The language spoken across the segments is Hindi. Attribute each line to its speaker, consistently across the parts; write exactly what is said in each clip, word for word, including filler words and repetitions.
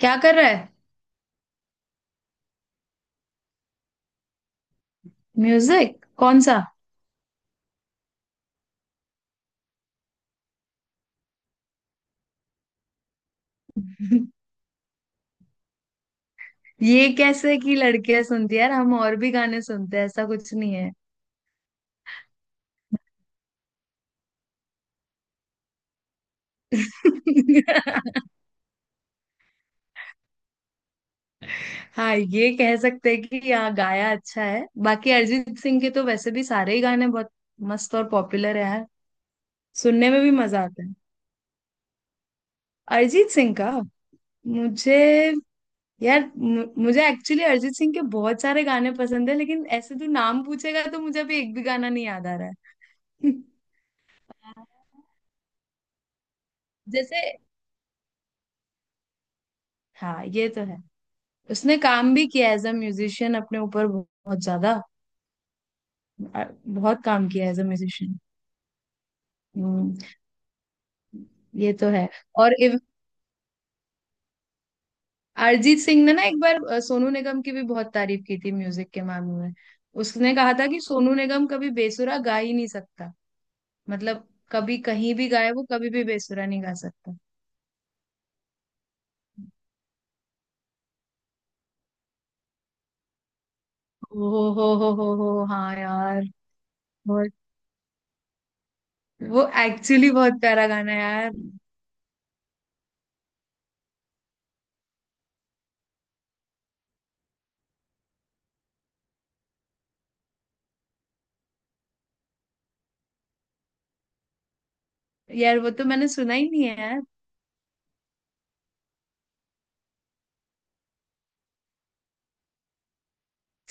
Speaker 1: क्या कर रहा है। म्यूजिक कौन सा? ये कैसे कि लड़कियां सुनती है, यार हम और भी गाने सुनते हैं, ऐसा कुछ नहीं है। हाँ, ये कह सकते हैं कि यहाँ गाया अच्छा है। बाकी अरिजीत सिंह के तो वैसे भी सारे ही गाने बहुत मस्त और पॉपुलर है यार। सुनने में भी मजा आता है अरिजीत सिंह का, मुझे। यार मु- मुझे एक्चुअली अरिजीत सिंह के बहुत सारे गाने पसंद है, लेकिन ऐसे तू नाम पूछेगा तो मुझे अभी एक भी गाना नहीं याद आ रहा है। जैसे। हाँ, ये तो है। उसने काम भी किया एज अ म्यूजिशियन अपने ऊपर बहुत ज्यादा। अ, बहुत काम किया एज अ म्यूजिशियन। हम्म। ये तो है। और इव, अरिजीत सिंह ने ना एक बार अ, सोनू निगम की भी बहुत तारीफ की थी म्यूजिक के मामले में। उसने कहा था कि सोनू निगम कभी बेसुरा गा ही नहीं सकता। मतलब कभी कहीं भी गाए वो, कभी भी बेसुरा नहीं गा सकता। ओ हो हो हो हो हो, हाँ यार। बहुत। वो एक्चुअली बहुत प्यारा गाना है यार। यार वो तो मैंने सुना ही नहीं है यार।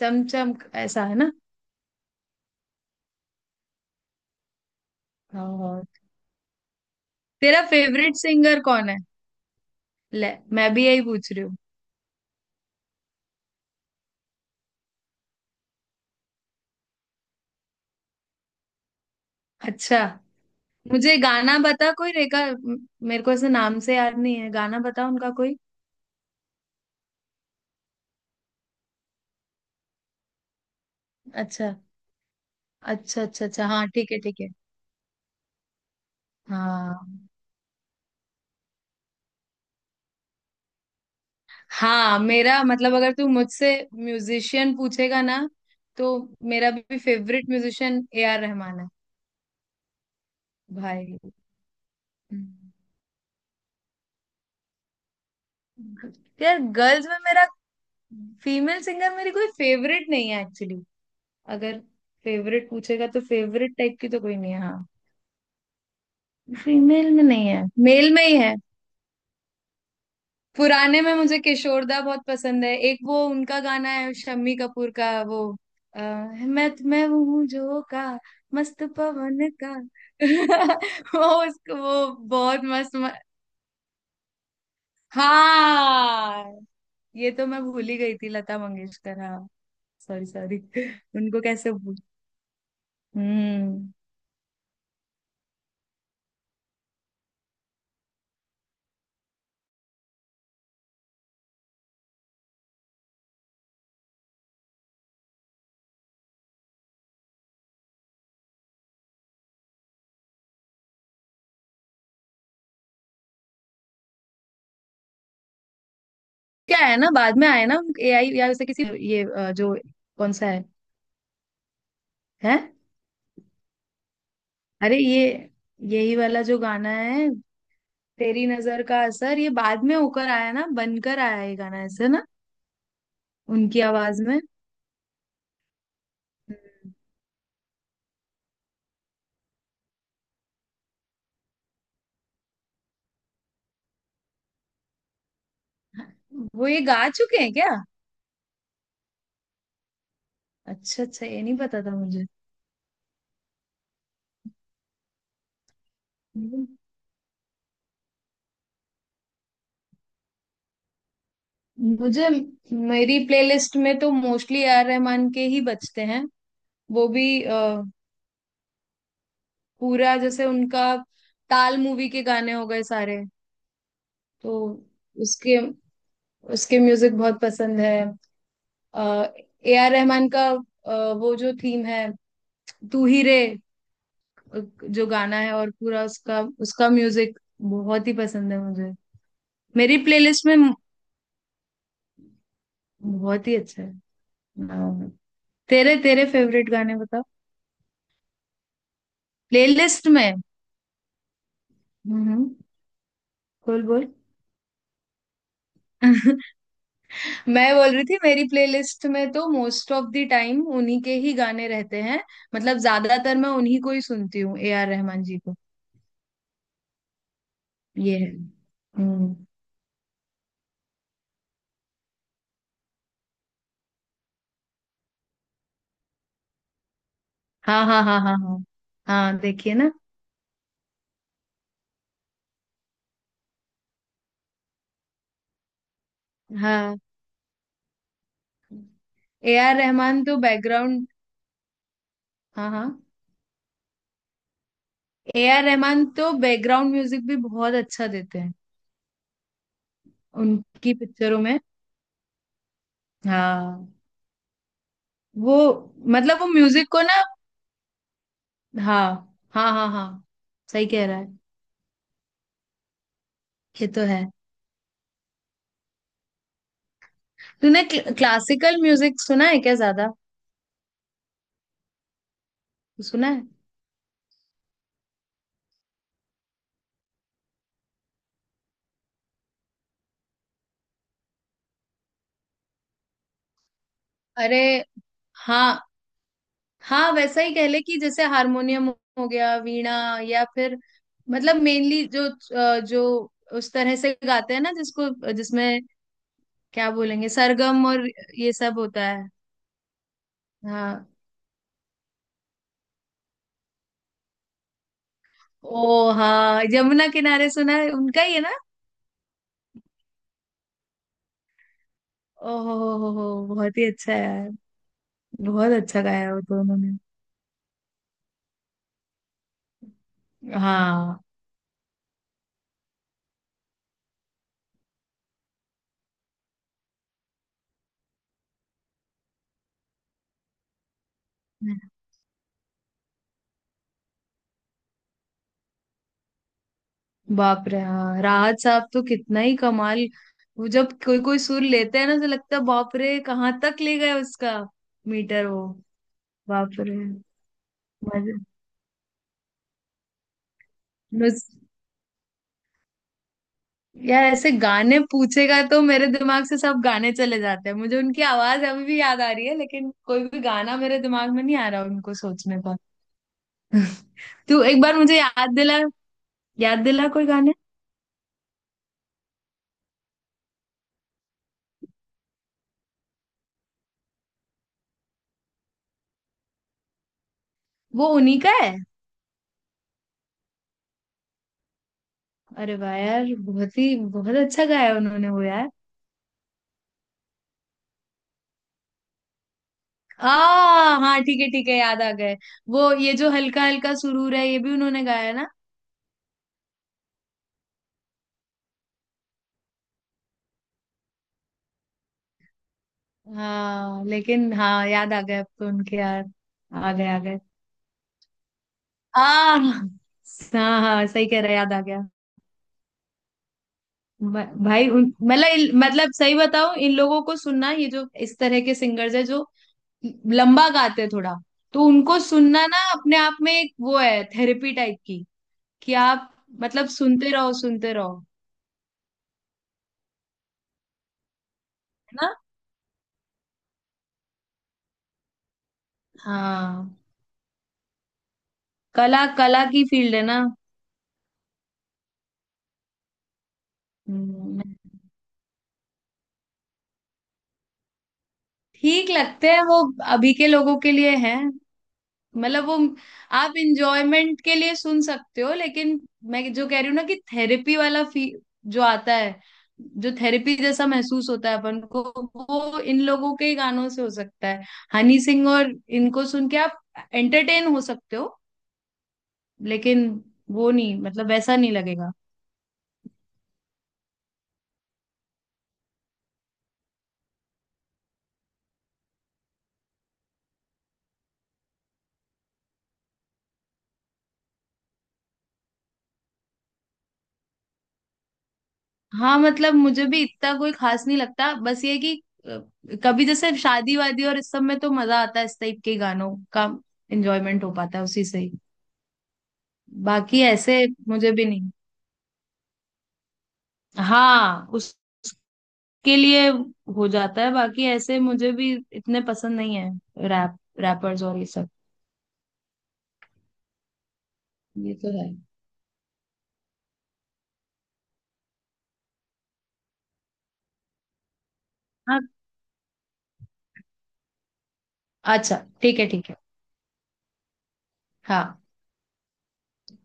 Speaker 1: चम चम ऐसा है ना? हाँ। तेरा फेवरेट सिंगर कौन है? ले, मैं भी यही पूछ रही हूँ। अच्छा, मुझे गाना बता कोई रेखा म- मेरे को ऐसे नाम से याद नहीं है। गाना बता उनका कोई। अच्छा अच्छा अच्छा अच्छा। हाँ, ठीक है, ठीक है। हाँ हाँ। मेरा मतलब अगर तू मुझसे म्यूजिशियन पूछेगा ना, तो मेरा भी फेवरेट म्यूजिशियन ए आर रहमान है भाई। हम्म। यार गर्ल्स में मेरा फीमेल सिंगर, मेरी कोई फेवरेट नहीं है एक्चुअली। अगर फेवरेट पूछेगा तो फेवरेट टाइप की तो कोई नहीं है। हाँ, फीमेल में नहीं है, मेल में ही है। पुराने में मुझे किशोरदा बहुत पसंद है। एक वो उनका गाना है शम्मी कपूर का, वो आ, मैं मैं वो हूँ जो का। मस्त पवन का। वो उसको वो बहुत मस्त म... हाँ ये तो मैं भूल ही गई थी, लता मंगेशकर, हाँ। Sorry sorry. उनको कैसे भूल। हम्म। क्या है ना, बाद में आए ना एआई या वैसे किसी ये अ, जो कौन सा है, है? अरे ये, यही वाला जो गाना है, तेरी नजर का असर, ये बाद में होकर आया ना, बनकर आया ये गाना ऐसे ना। उनकी आवाज में। हम्म। वो ये गा चुके हैं क्या? अच्छा अच्छा, ये नहीं पता था मुझे। मुझे मेरी प्लेलिस्ट में तो मोस्टली ए आर रहमान के ही बजते हैं। वो भी अ, पूरा जैसे उनका ताल मूवी के गाने हो गए सारे। तो उसके उसके म्यूजिक बहुत पसंद है। ए आर रहमान का अ, वो जो थीम है, तू ही रे जो गाना है, और पूरा उसका उसका म्यूजिक बहुत ही पसंद है मुझे। मेरी प्लेलिस्ट में बहुत ही अच्छा है, हाँ। तेरे तेरे फेवरेट गाने बताओ, प्लेलिस्ट में। हम्म। बोल बोल। मैं बोल रही थी मेरी प्लेलिस्ट में तो मोस्ट ऑफ द टाइम उन्हीं के ही गाने रहते हैं। मतलब ज्यादातर मैं उन्हीं को ही सुनती हूँ, ए आर रहमान जी को। ये है। हम्म। हाँ हाँ हाँ हाँ हाँ। हाँ देखिए ना। हाँ, ए आर रहमान तो बैकग्राउंड हाँ हाँ, ए आर रहमान तो बैकग्राउंड म्यूजिक भी बहुत अच्छा देते हैं उनकी पिक्चरों में। हाँ। वो, मतलब वो म्यूजिक को ना। हाँ हाँ हाँ हाँ। सही कह रहा है। ये तो है। तूने क्लासिकल म्यूजिक सुना है क्या? ज्यादा सुना है। अरे, हाँ हाँ, वैसा ही कह ले कि जैसे हारमोनियम हो गया, वीणा, या फिर मतलब मेनली जो अ, जो उस तरह से गाते हैं ना जिसको, जिसमें क्या बोलेंगे, सरगम और ये सब होता है। हाँ। ओ हाँ, यमुना किनारे सुना है, उनका ही है ना? ओहो हो हो हो, बहुत ही अच्छा है यार। बहुत अच्छा गाया वो तो उन्होंने। हाँ। बाप रे, हाँ, राहत साहब तो कितना ही कमाल। वो जब कोई कोई सुर लेते हैं ना, तो लगता है बाप रे, कहाँ तक ले गए उसका मीटर वो। बाप रे। मजे। मुझ- यार ऐसे गाने पूछेगा तो मेरे दिमाग से सब गाने चले जाते हैं। मुझे उनकी आवाज अभी भी याद आ रही है, लेकिन कोई भी गाना मेरे दिमाग में नहीं आ रहा उनको सोचने पर। तू एक बार मुझे याद दिला। याद दिला कोई गाने। वो उन्हीं का है। अरे वाह यार, बहुत ही बहुत अच्छा गाया उन्होंने वो। आ हाँ, ठीक है, ठीक है, याद आ गए। वो ये जो हल्का हल्का सुरूर है, ये भी उन्होंने गाया है ना। हाँ लेकिन हाँ, याद आ गए अब तो उनके यार। आ गए, आ गए। आ हाँ हाँ, सही कह रहे, याद आ गया। म- भाई उन- मतलब इन- मतलब सही बताओ इन लोगों को सुनना, ये जो इस तरह के सिंगर्स है जो लंबा गाते हैं थोड़ा। तो उनको सुनना ना अपने आप में एक वो है, थेरेपी टाइप की कि आप मतलब सुनते रहो, सुनते रहो। है ना? हाँ। कला, कला की फील्ड है ना। हम्म, ठीक लगते हैं वो अभी के लोगों के लिए है। मतलब वो आप इंजॉयमेंट के लिए सुन सकते हो, लेकिन मैं जो कह रही हूँ ना कि थेरेपी वाला फी जो आता है, जो थेरेपी जैसा महसूस होता है अपन को, वो इन लोगों के ही गानों से हो सकता है। हनी सिंह और इनको सुन के आप एंटरटेन हो सकते हो, लेकिन वो नहीं, मतलब वैसा नहीं लगेगा। हाँ मतलब मुझे भी इतना कोई खास नहीं लगता, बस ये है कि अ, कभी जैसे शादी वादी और इस सब में तो मजा आता है, इस टाइप के गानों का एंजॉयमेंट हो पाता है उसी से ही। बाकी ऐसे मुझे भी नहीं। हाँ उसके लिए हो जाता है, बाकी ऐसे मुझे भी इतने पसंद नहीं है, रैप रैपर्स और ये सब। ये तो है। हाँ, अच्छा, ठीक है, ठीक है। हाँ।